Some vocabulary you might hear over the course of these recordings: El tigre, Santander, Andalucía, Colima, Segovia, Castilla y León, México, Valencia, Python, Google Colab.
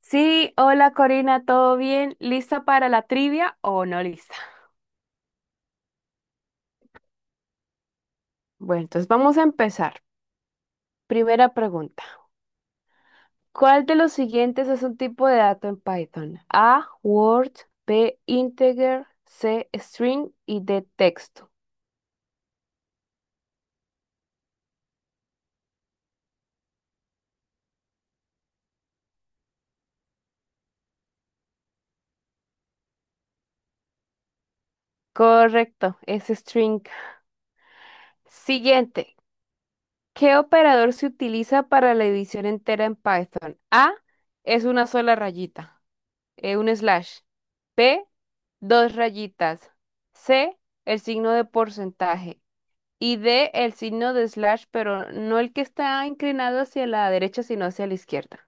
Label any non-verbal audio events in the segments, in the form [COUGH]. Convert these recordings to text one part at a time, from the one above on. Sí, hola Corina, ¿todo bien? ¿Lista para la trivia o no lista? Bueno, entonces vamos a empezar. Primera pregunta. ¿Cuál de los siguientes es un tipo de dato en Python? A, Word, B, integer, C, string y D, texto. Correcto, es string. Siguiente. ¿Qué operador se utiliza para la división entera en Python? A, es una sola rayita, un slash. P, dos rayitas. C, el signo de porcentaje. Y D, el signo de slash, pero no el que está inclinado hacia la derecha, sino hacia la izquierda.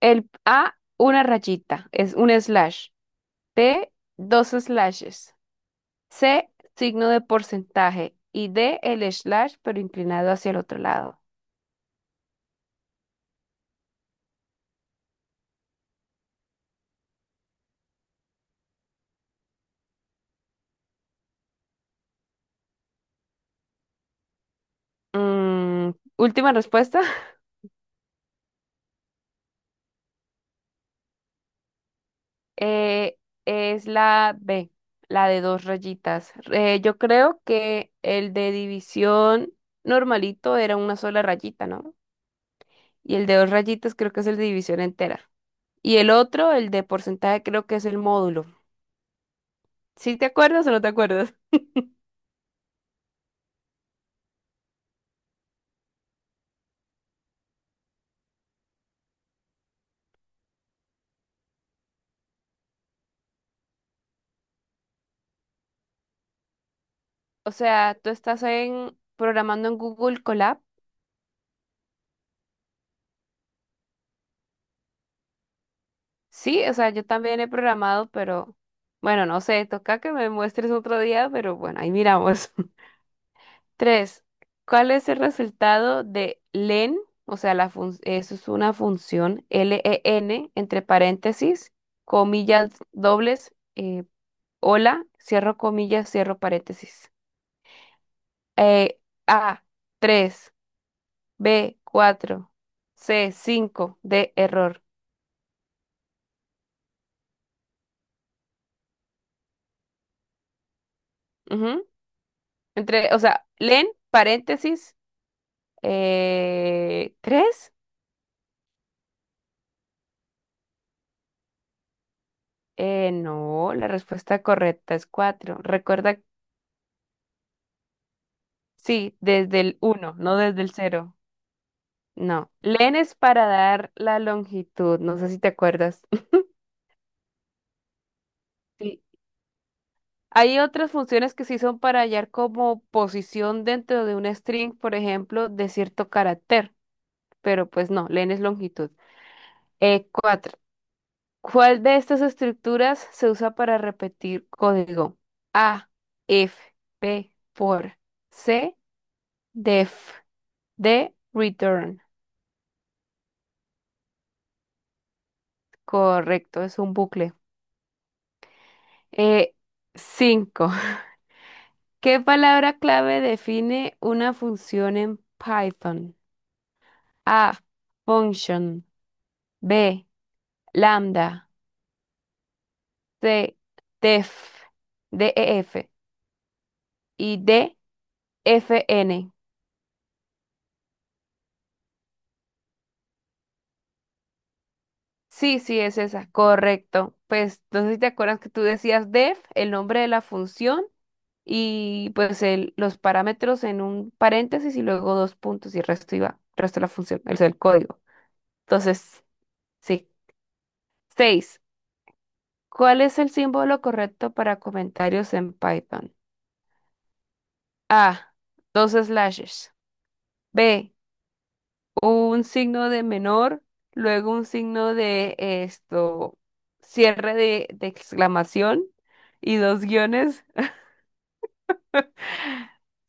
El A, una rayita, es un slash. P, dos slashes. C, signo de porcentaje. Y D, el slash, pero inclinado hacia el otro lado. Mm, última respuesta. [LAUGHS] Eh, es la B, la de dos rayitas. Yo creo que el de división normalito era una sola rayita, ¿no? Y el de dos rayitas creo que es el de división entera. Y el otro, el de porcentaje, creo que es el módulo. ¿Sí te acuerdas o no te acuerdas? O sea, tú estás en programando en Google Colab. Sí, o sea, yo también he programado, pero bueno, no sé, toca que me muestres otro día, pero bueno, ahí miramos. Tres, ¿cuál es el resultado de len? O sea, la eso es una función len entre paréntesis, comillas dobles, hola, cierro comillas, cierro paréntesis. Eh, A, 3. B, 4. C, 5. D, error. Ujú. Entre, o sea, len, paréntesis, 3. No, la respuesta correcta es 4. Recuerda. Sí, desde el uno, no desde el cero. No. Len es para dar la longitud, no sé si te acuerdas. [LAUGHS] Sí. Hay otras funciones que sí son para hallar como posición dentro de un string, por ejemplo, de cierto carácter, pero pues no, len es longitud. E cuatro. ¿Cuál de estas estructuras se usa para repetir código? A, F, B. For, C, def, D, return. Correcto, es un bucle. Eh, cinco. [LAUGHS] ¿Qué palabra clave define una función en Python? A. Function. B. Lambda. C. Def. DEF. Y D. FN. Sí, sí, es esa. Correcto. Pues no sé si te acuerdas que tú decías def, el nombre de la función y pues los parámetros en un paréntesis y luego dos puntos y el resto iba, el resto de la función, el código. Entonces, sí. Seis. ¿Cuál es el símbolo correcto para comentarios en Python? A. Dos slashes. B. Un signo de menor, luego un signo de esto, cierre de exclamación y dos guiones.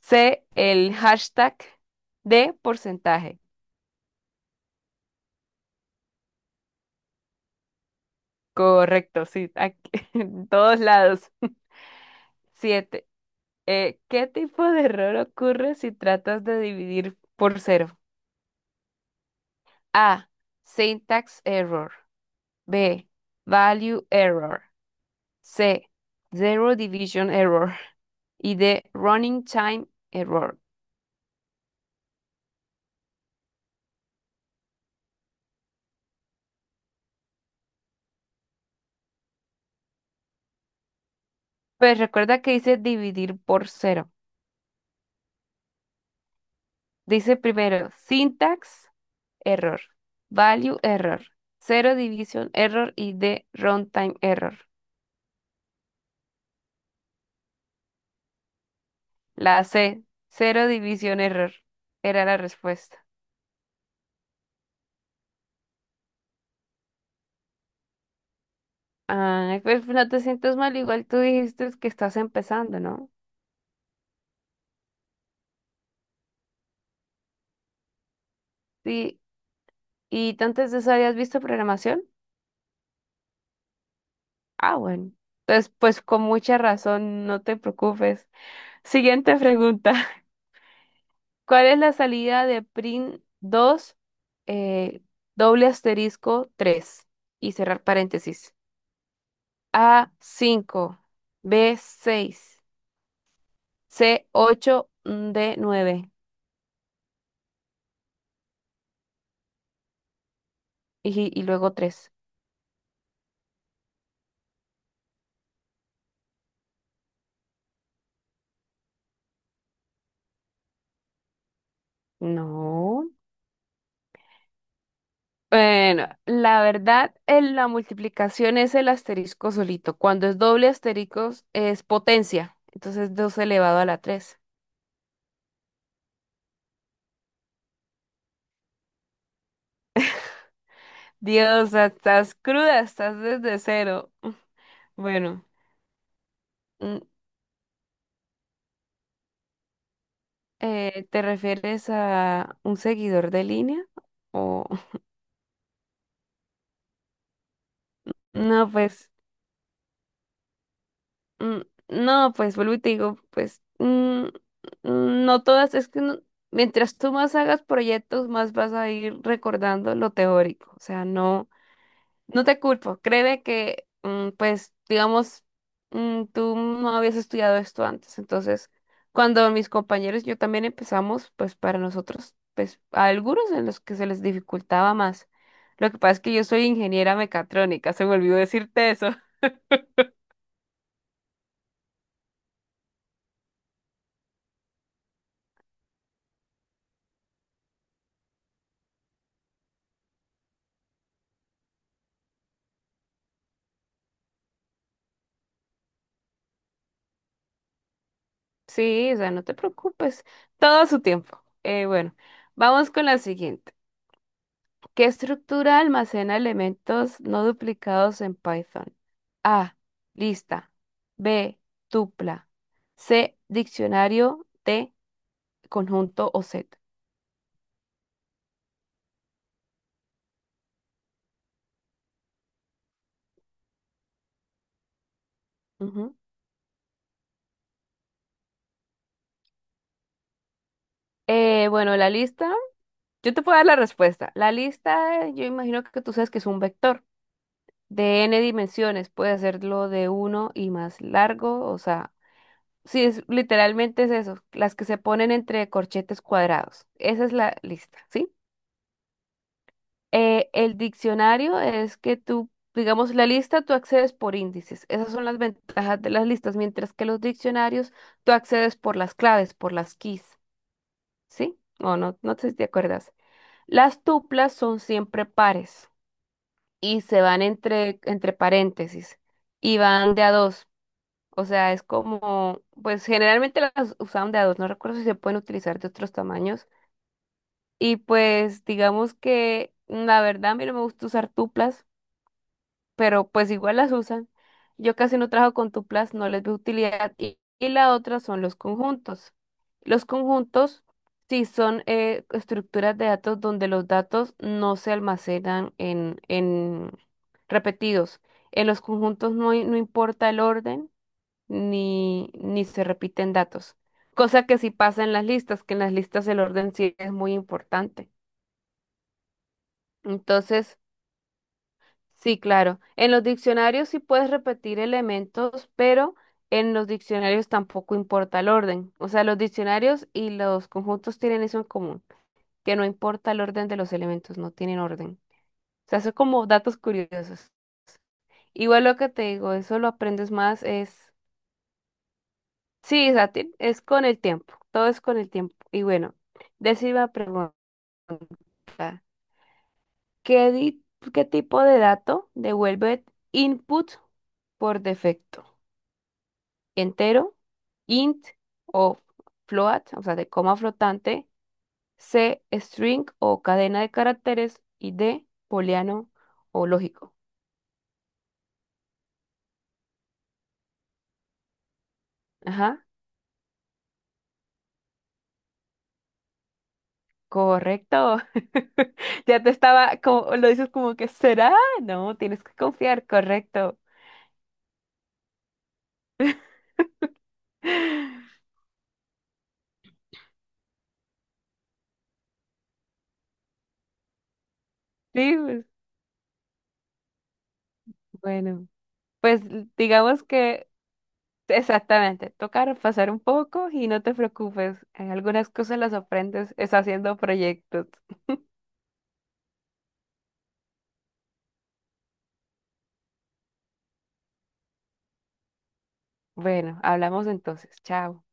C. El hashtag. D. Porcentaje. Correcto, sí, aquí, [LAUGHS] en todos lados. Siete. ¿Qué tipo de error ocurre si tratas de dividir por cero? A. Syntax error. B. Value error. C. Zero division error. Y D. Running time error. Pues recuerda que dice dividir por cero. Dice primero syntax error, value error, zero division error y D. Runtime error. La C. Zero division error. Era la respuesta. Ay, pues no te sientas mal, igual tú dijiste que estás empezando, ¿no? Sí. ¿Y tú antes de eso habías visto programación? Ah, bueno. Entonces, pues con mucha razón, no te preocupes. Siguiente pregunta. [LAUGHS] ¿Cuál es la salida de print 2 eh, doble asterisco 3 y cerrar paréntesis? A cinco, b seis, c ocho, d nueve. Y luego tres. No. Bueno, la verdad, en la multiplicación es el asterisco solito. Cuando es doble asterisco es potencia. Entonces 2 elevado a la 3. Dios, estás cruda, estás desde cero. Bueno, mm, ¿te refieres a un seguidor de línea? O [LAUGHS] no, pues, mm, no, pues vuelvo y te digo, pues, no todas, es que mientras tú más hagas proyectos, más vas a ir recordando lo teórico. O sea, no. No te culpo, créeme que, pues, digamos, tú no habías estudiado esto antes, entonces, cuando mis compañeros y yo también empezamos, pues, para nosotros, pues, a algunos en los que se les dificultaba más. Lo que pasa es que yo soy ingeniera mecatrónica, se me olvidó decirte eso. [LAUGHS] Sí, o sea, no te preocupes, todo a su tiempo. Bueno, vamos con la siguiente. ¿Qué estructura almacena elementos no duplicados en Python? A. Lista. B. Tupla. C. Diccionario. D. Conjunto o set. Ujú. Bueno, la lista, yo te puedo dar la respuesta. La lista, yo imagino que tú sabes que es un vector de n dimensiones. Puede hacerlo de uno y más largo, o sea, sí, es, literalmente es eso, las que se ponen entre corchetes cuadrados. Esa es la lista, ¿sí? El diccionario es que tú, digamos, la lista tú accedes por índices. Esas son las ventajas de las listas, mientras que los diccionarios tú accedes por las claves, por las keys, ¿sí? O no, no sé si te acuerdas. Las tuplas son siempre pares y se van entre paréntesis y van de a dos. O sea, es como, pues generalmente las usaban de a dos, no recuerdo si se pueden utilizar de otros tamaños. Y pues digamos que la verdad a mí no me gusta usar tuplas, pero pues igual las usan. Yo casi no trabajo con tuplas, no les veo utilidad. Y la otra son los conjuntos. Los conjuntos sí son estructuras de datos donde los datos no se almacenan en repetidos. En los conjuntos no, no importa el orden ni se repiten datos. Cosa que sí pasa en las listas, que en las listas el orden sí es muy importante. Entonces, sí, claro. En los diccionarios sí puedes repetir elementos, pero en los diccionarios tampoco importa el orden. O sea, los diccionarios y los conjuntos tienen eso en común, que no importa el orden de los elementos, no tienen orden. O sea, son como datos curiosos. Igual lo que te digo, eso lo aprendes más es... Sí, Sati, es con el tiempo, todo es con el tiempo. Y bueno, decime la pregunta, ¿qué, qué tipo de dato devuelve input por defecto? Entero, int o float, o sea, de coma flotante, c, string o cadena de caracteres y d, booleano o lógico. Ajá, correcto. [LAUGHS] Ya te estaba, como, lo dices como que será, no, tienes que confiar, correcto. [LAUGHS] Sí, pues, bueno, pues digamos que exactamente, toca repasar un poco y no te preocupes, algunas cosas las aprendes es haciendo proyectos. Bueno, hablamos entonces. Chao.